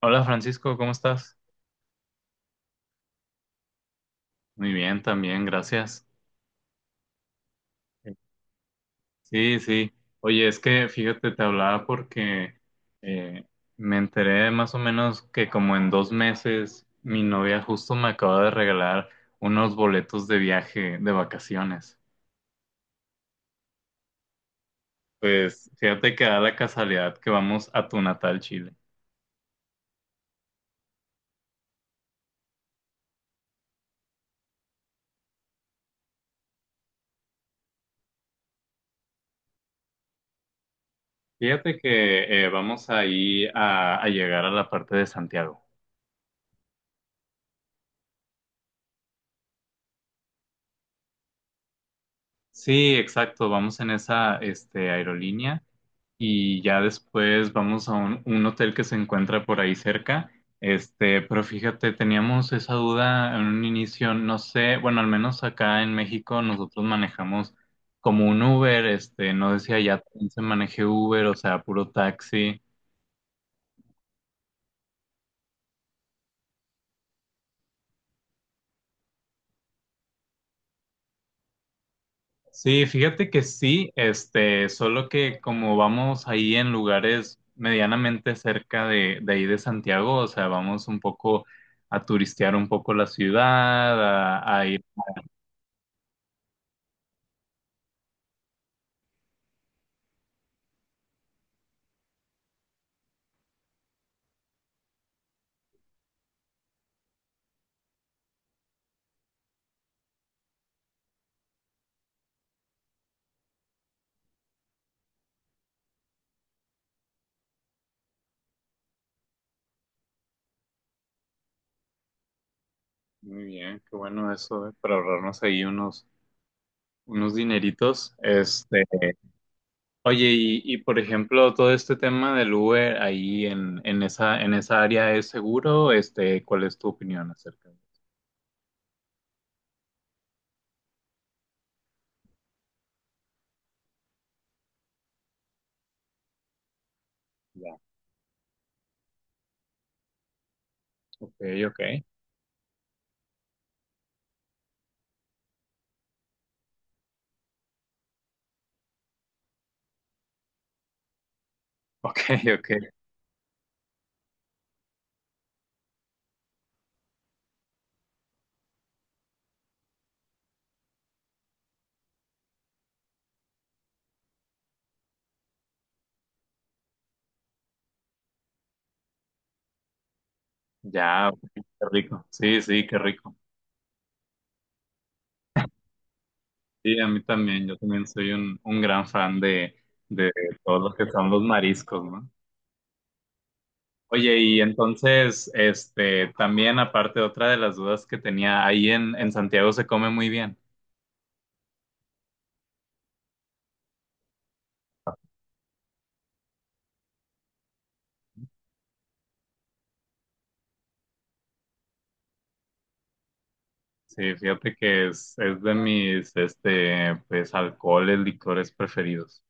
Hola Francisco, ¿cómo estás? Muy bien, también, gracias. Sí, sí. Oye, es que fíjate, te hablaba porque eh, me enteré más o menos que como en 2 meses mi novia justo me acaba de regalar unos boletos de viaje de vacaciones. Pues fíjate que da la casualidad que vamos a tu natal Chile. Fíjate que vamos ahí a llegar a la parte de Santiago. Sí, exacto, vamos en esa aerolínea. Y ya después vamos a un hotel que se encuentra por ahí cerca. Pero fíjate, teníamos esa duda en un inicio, no sé, bueno, al menos acá en México nosotros manejamos como un Uber, no decía ya también se maneje Uber, o sea, puro taxi. Sí, fíjate que sí, solo que como vamos ahí en lugares medianamente cerca de ahí de Santiago, o sea, vamos un poco a turistear un poco la ciudad, a ir. Muy bien, qué bueno eso, para ahorrarnos ahí unos dineritos. Oye, por ejemplo, todo este tema del Uber ahí en en esa área es seguro, ¿cuál es tu opinión acerca de eso? Ya, ok, ok, ok, ok, ya, ok, qué rico, sí, sí, qué rico. Sí, a mí también, yo también soy un gran fan de todo lo que son los mariscos, ¿no? Oye, y entonces, también aparte, otra de las dudas que tenía, ahí en Santiago se come muy bien. Sí, fíjate que es de mis, pues, alcoholes, licores preferidos.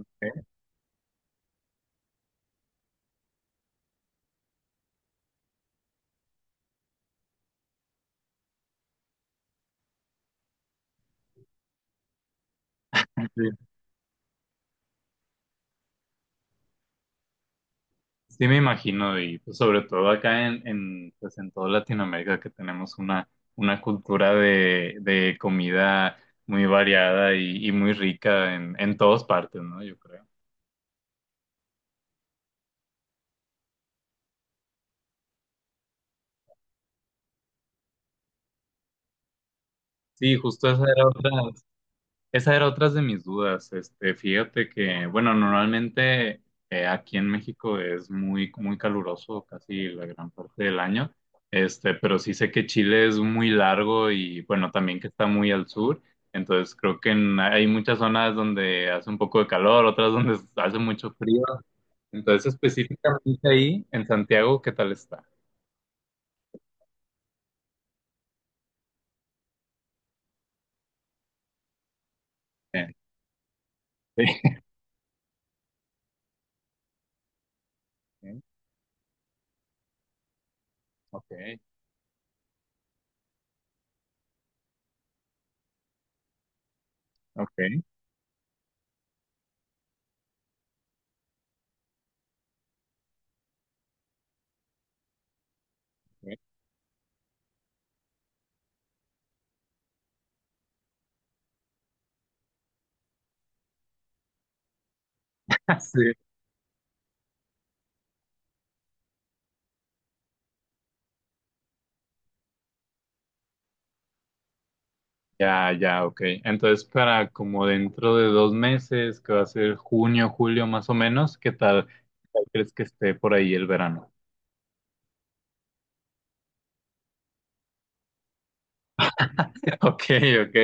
¿Ok? Sí. Sí, me imagino, y pues, sobre todo acá pues, en toda Latinoamérica que tenemos una cultura de comida muy variada y muy rica en todas partes, ¿no? Yo creo. Sí, justo esa era otra. Esa era otra de mis dudas. Fíjate que, bueno, normalmente aquí en México es muy, muy caluroso casi la gran parte del año. Pero sí sé que Chile es muy largo y, bueno, también que está muy al sur. Entonces creo que hay muchas zonas donde hace un poco de calor, otras donde hace mucho frío. Entonces, específicamente ahí, en Santiago, ¿qué tal está? Eh, sí. Ok, ok, ok. Ya, ya, ok. Entonces, para como dentro de 2 meses, que va a ser junio, julio más o menos, qué tal crees que esté por ahí el verano? Ok, ok.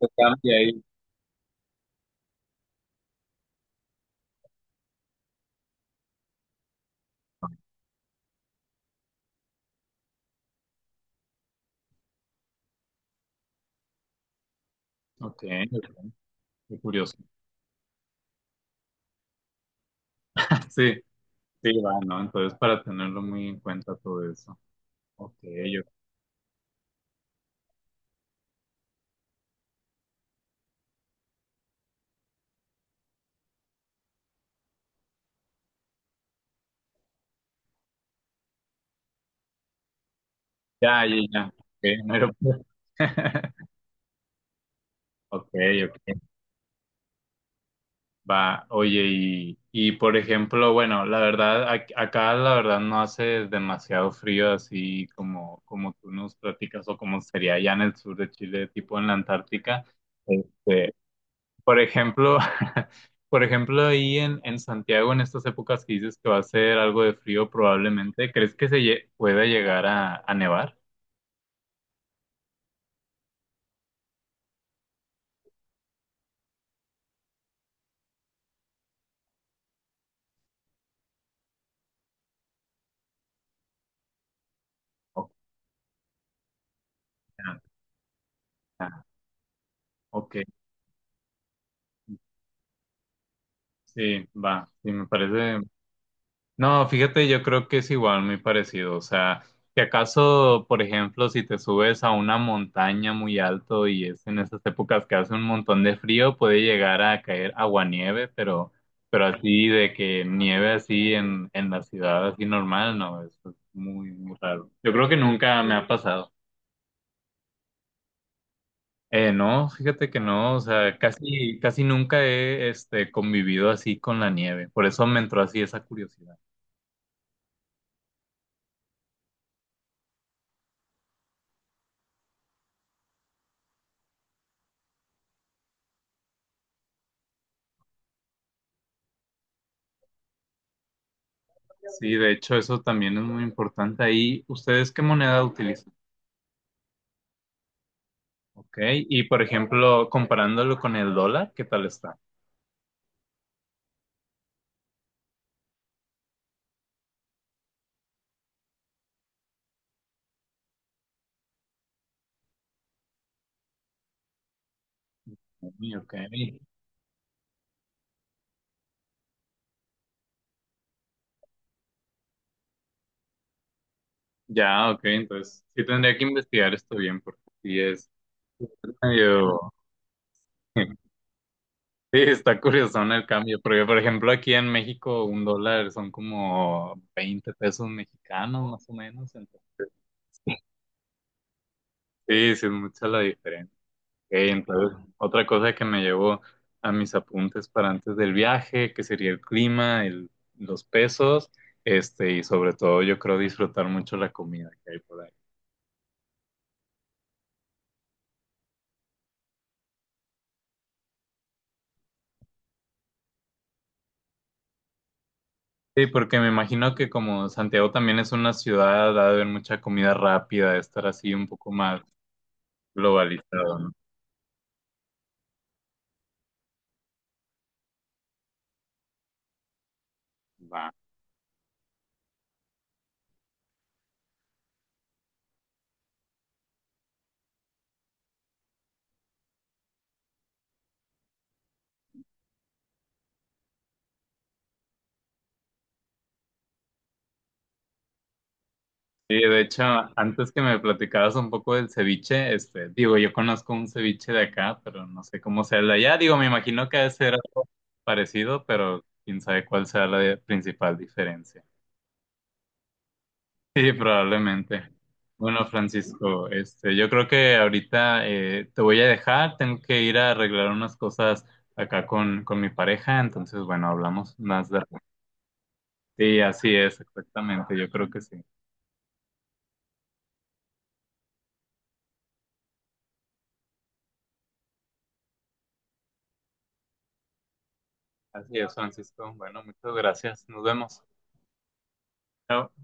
Se cambia ahí. Ok, ok. Qué curioso. Sí, sí, va, ¿no? Entonces, para tenerlo muy en cuenta todo eso. Ok, yo. Ya, ya, ya. Ok, no era- Ok, ok. Va, oye, y por ejemplo, bueno, la verdad, acá la verdad no hace demasiado frío así como, como tú nos platicas o como sería allá en el sur de Chile, tipo en la Antártica. Este, por ejemplo, por ejemplo, ahí en Santiago, en estas épocas que dices que va a ser algo de frío probablemente, ¿crees que pueda llegar a nevar? O- ah, ah, ok, sí, va, sí, me parece. No, fíjate, yo creo que es igual, muy parecido. O sea, que acaso, por ejemplo, si te subes a una montaña muy alto y es en esas épocas que hace un montón de frío, puede llegar a caer aguanieve, pero así de que nieve así en la ciudad, así normal, no, eso es muy, muy raro. Yo creo que nunca me ha pasado. No, fíjate que no, o sea, casi, casi nunca he, convivido así con la nieve. Por eso me entró así esa curiosidad. Sí, de hecho, eso también es muy importante. Ahí, ¿ustedes qué moneda utilizan? Ok, y por ejemplo, comparándolo con el dólar, ¿qué tal está? Uy, ok, ya, ok, entonces sí tendría que investigar esto bien porque sí es medio... Sí, está curioso ¿no? El cambio, porque por ejemplo aquí en México un dólar son como 20 pesos mexicanos más o menos, entonces sí, sí es mucha la diferencia. Ok, entonces, otra cosa que me llevó a mis apuntes para antes del viaje, que sería el clima, los pesos, y sobre todo yo creo disfrutar mucho la comida que hay por ahí. Sí, porque me imagino que como Santiago también es una ciudad, ha de haber mucha comida rápida, de estar así un poco más globalizado, ¿no? Va. Sí, de hecho, antes que me platicaras un poco del ceviche, digo, yo conozco un ceviche de acá, pero no sé cómo sea el de allá. Digo, me imagino que debe ser algo parecido, pero quién sabe cuál sea principal diferencia. Sí, probablemente. Bueno, Francisco, yo creo que ahorita te voy a dejar, tengo que ir a arreglar unas cosas acá con mi pareja, entonces, bueno, hablamos más de... Sí, así es, exactamente, yo creo que sí. Así es, Francisco. Bueno, muchas gracias, nos vemos. Chao.